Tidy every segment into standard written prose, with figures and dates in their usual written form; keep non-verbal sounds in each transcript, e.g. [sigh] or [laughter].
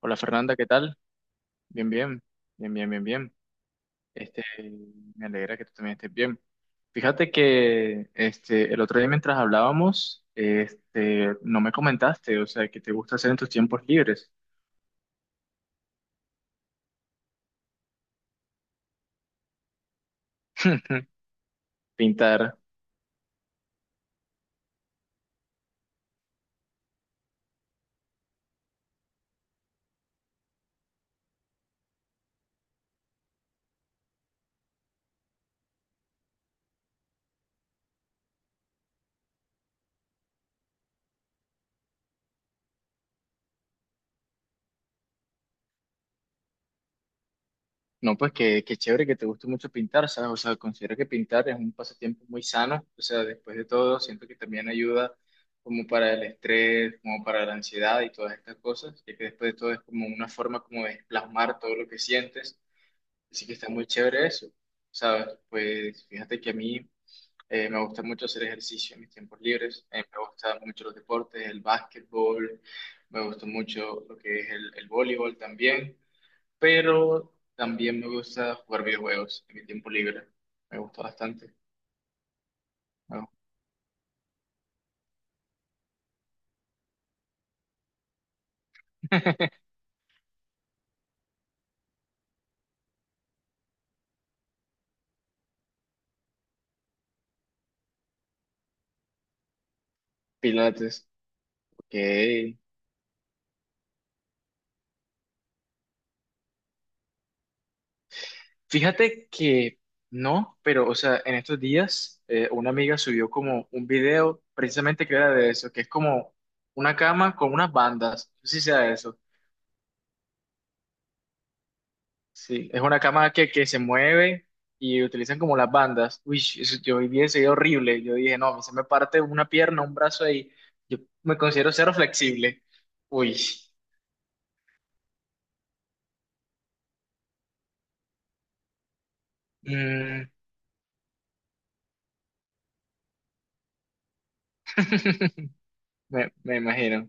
Hola Fernanda, ¿qué tal? Bien, bien, bien, bien, bien, bien. Este, Me alegra que tú también estés bien. Fíjate que el otro día mientras hablábamos, no me comentaste, o sea, que te gusta hacer en tus tiempos libres. [laughs] Pintar. No, pues que chévere que te guste mucho pintar, ¿sabes? O sea, considero que pintar es un pasatiempo muy sano. O sea, después de todo, siento que también ayuda como para el estrés, como para la ansiedad y todas estas cosas, ya que después de todo es como una forma como de plasmar todo lo que sientes. Sí, que está muy chévere eso, ¿sabes? Pues fíjate que a mí me gusta mucho hacer ejercicio en mis tiempos libres, me gustan mucho los deportes, el básquetbol, me gusta mucho lo que es el voleibol también, pero también me gusta jugar videojuegos en mi tiempo libre, me gusta bastante, ¿no? Pilates, ok. Fíjate que no, pero, o sea, en estos días una amiga subió como un video precisamente que era de eso, que es como una cama con unas bandas. No sé si sea eso. Sí, es una cama que se mueve y utilizan como las bandas. Uy, eso- yo vi ese video horrible. Yo dije, no, a mí se me parte una pierna, un brazo ahí. Yo me considero cero flexible. Uy, mm, [laughs] me imagino.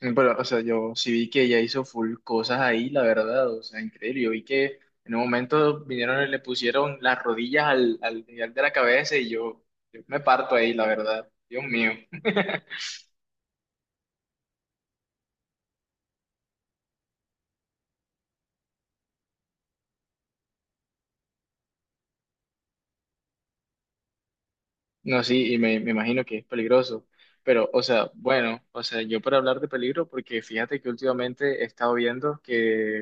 Mm, pero, o sea, yo sí vi que ella hizo full cosas ahí, la verdad, o sea, increíble. Yo vi que en un momento vinieron y le pusieron las rodillas al, al nivel de la cabeza y yo me parto ahí, la verdad. Dios mío. No, sí, y me imagino que es peligroso. Pero, o sea, bueno, o sea, yo para hablar de peligro, porque fíjate que últimamente he estado viendo que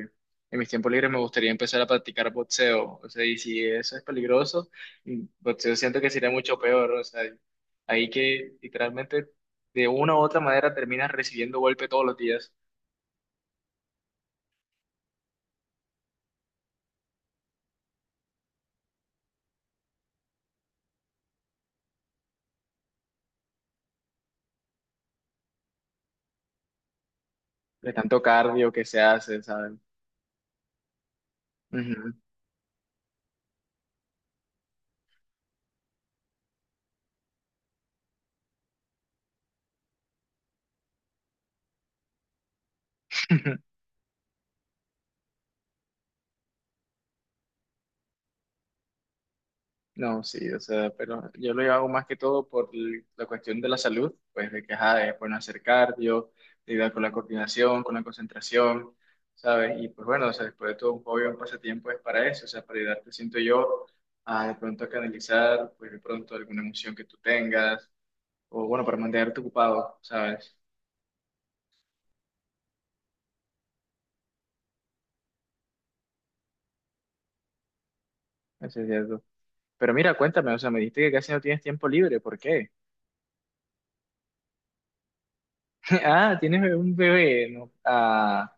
en mis tiempos libres me gustaría empezar a practicar boxeo. O sea, y si eso es peligroso, boxeo siento que sería mucho peor. O sea, ahí que literalmente de una u otra manera terminas recibiendo golpe todos los días, de tanto cardio que se hace, ¿sabes? Ujú. [laughs] No, sí, o sea, pero yo lo hago más que todo por la cuestión de la salud, pues de que, ajá, es bueno hacer cardio, de ayudar con la coordinación, con la concentración, ¿sabes? Y pues bueno, o sea, después de todo un hobby, un pasatiempo es para eso, o sea, para ayudarte, siento yo, a de pronto a canalizar, pues de pronto alguna emoción que tú tengas, o bueno, para mantenerte ocupado, ¿sabes? Eso es cierto. Pero mira, cuéntame, o sea, me dijiste que casi no tienes tiempo libre, ¿por qué? [laughs] Ah, tienes un bebé, no, ah,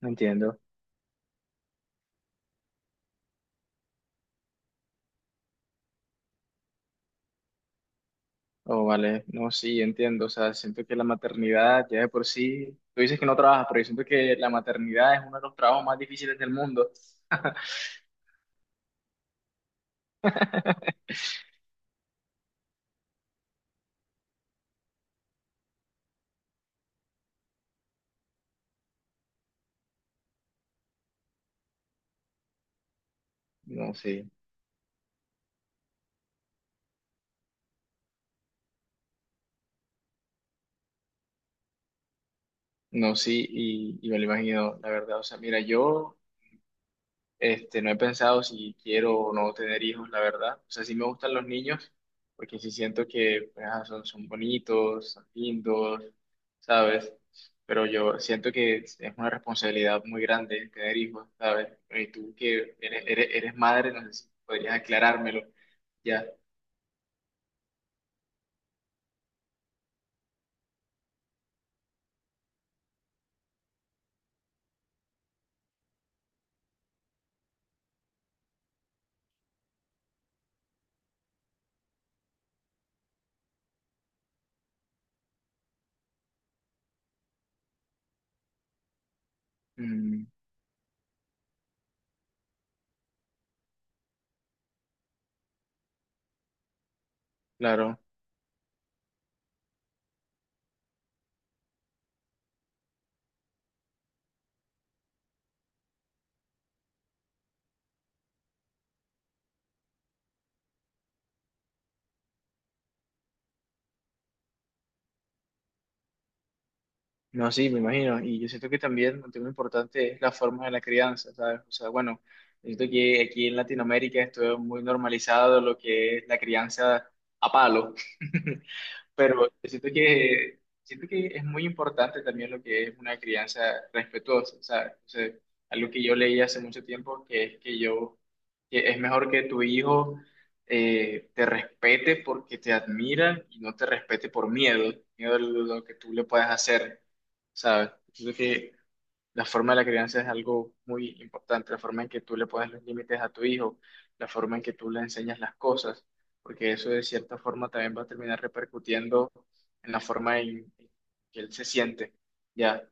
no entiendo. Oh, vale, no, sí, entiendo, o sea, siento que la maternidad ya de por sí, tú dices que no trabajas, pero yo siento que la maternidad es uno de los trabajos más difíciles del mundo. [laughs] No, sí, no, sí, y me lo imagino, la verdad, o sea, mira, yo. No he pensado si quiero o no tener hijos, la verdad. O sea, sí me gustan los niños, porque sí siento que pues, ah, son, son bonitos, son lindos, ¿sabes? Pero yo siento que es una responsabilidad muy grande tener hijos, ¿sabes? Y tú que eres, eres, eres madre, no sé si podrías aclarármelo. Ya. Mm, claro. No, sí, me imagino. Y yo siento que también un tema importante es la forma de la crianza, ¿sabes? O sea, bueno, yo siento que aquí en Latinoamérica esto es muy normalizado lo que es la crianza a palo. [laughs] Pero siento que es muy importante también lo que es una crianza respetuosa, ¿sabes? O sea, algo que yo leí hace mucho tiempo, que es mejor que tu hijo te respete porque te admira y no te respete por miedo, miedo a lo que tú le puedas hacer, ¿sabes? Siento que la forma de la crianza es algo muy importante, la forma en que tú le pones los límites a tu hijo, la forma en que tú le enseñas las cosas, porque eso de cierta forma también va a terminar repercutiendo en la forma en que él se siente. Ya.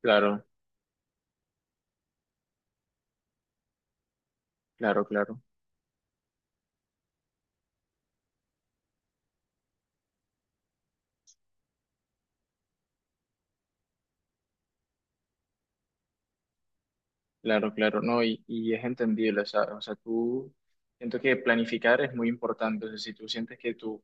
Claro, claro, claro. Claro, claro, no, y es entendible, o sea, tú siento que planificar es muy importante, o sea, si tú sientes que tu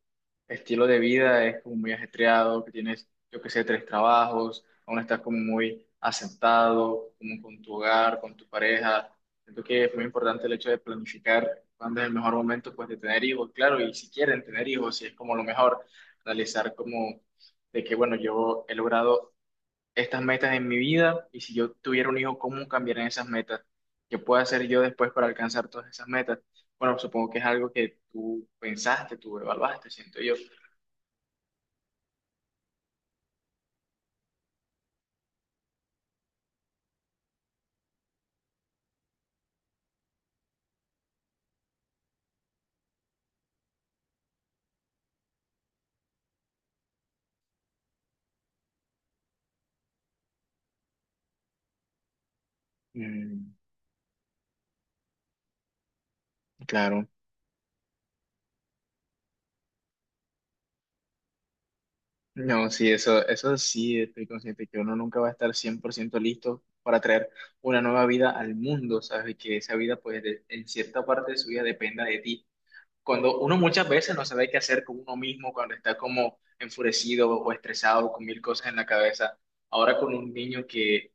estilo de vida es como muy ajetreado, que tienes, yo que sé, tres trabajos, aún estás como muy asentado, como con tu hogar, con tu pareja, siento que es muy importante el hecho de planificar cuándo es el mejor momento, pues, de tener hijos, claro, y si quieren tener hijos, si es como lo mejor, analizar como de que, bueno, yo he logrado estas metas en mi vida y si yo tuviera un hijo, cómo cambiarían esas metas, qué puedo hacer yo después para alcanzar todas esas metas. Bueno, supongo que es algo que tú pensaste, tú evaluaste, siento yo. Mm, claro. No, sí, eso sí, estoy consciente que uno nunca va a estar 100% listo para traer una nueva vida al mundo, ¿sabes? Y que esa vida, pues, de- en cierta parte de su vida dependa de ti. Cuando uno muchas veces no sabe qué hacer con uno mismo, cuando está como enfurecido o estresado con mil cosas en la cabeza, ahora con un niño que,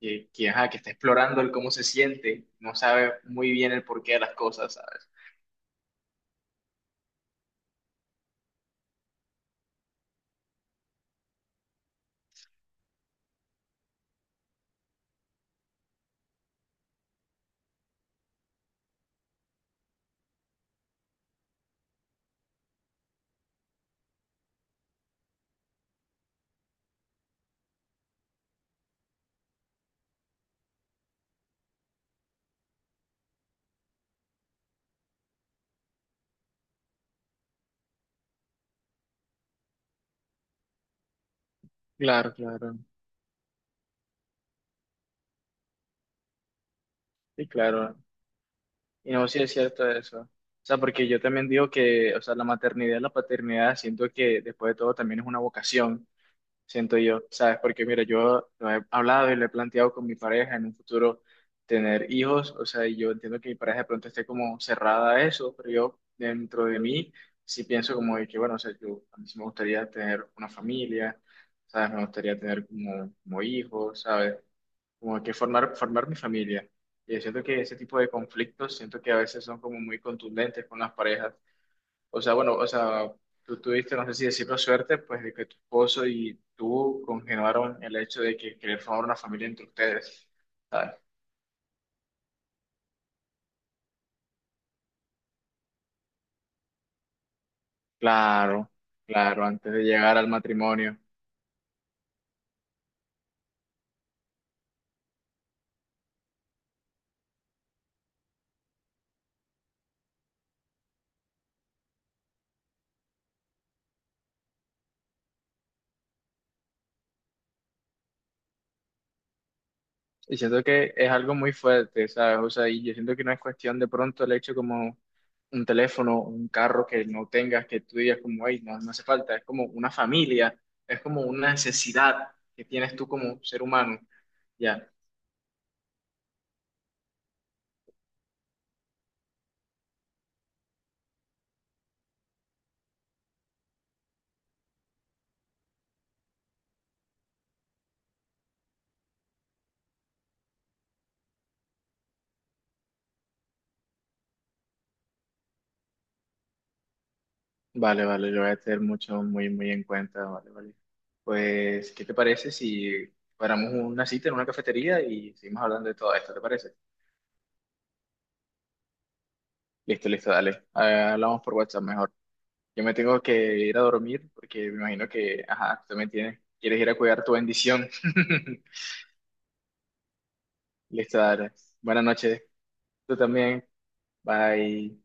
que, que, ajá, que está explorando el cómo se siente, no sabe muy bien el porqué de las cosas, ¿sabes? Claro, claro, sí, claro. Y no, sí es cierto eso. O sea, porque yo también digo que, o sea, la maternidad y la paternidad, siento que después de todo también es una vocación. Siento yo, ¿sabes? Porque mira, yo lo he hablado y lo he planteado con mi pareja en un futuro tener hijos, o sea, y yo entiendo que mi pareja de pronto esté como cerrada a eso, pero yo dentro de mí sí pienso como de que, bueno, o sea, yo a mí sí me gustaría tener una familia, ¿sabes? Me gustaría tener como, como hijos, ¿sabes? Como que formar mi familia. Y siento que ese tipo de conflictos, siento que a veces son como muy contundentes con las parejas. O sea, bueno, o sea, tú tuviste, no sé si decirlo suerte, pues de que tu esposo y tú congeniaron el hecho de que querer formar una familia entre ustedes, ¿sabes? Claro, claro, antes de llegar al matrimonio. Y siento que es algo muy fuerte, ¿sabes? O sea, y yo siento que no es cuestión de pronto el hecho como un teléfono, un carro que no tengas, que tú digas como, ay, no, no hace falta, es como una familia, es como una necesidad que tienes tú como ser humano, ¿ya? Vale, vale, lo voy a tener mucho, muy, muy en cuenta, vale, vale. Pues, ¿qué te parece si paramos una cita en una cafetería y seguimos hablando de todo esto? ¿Te parece? Listo, listo, dale. Ah, hablamos por WhatsApp mejor. Yo me tengo que ir a dormir porque me imagino que, ajá, tú también tienes, quieres ir a cuidar tu bendición. [laughs] Listo, dale. Buenas noches. Tú también. Bye.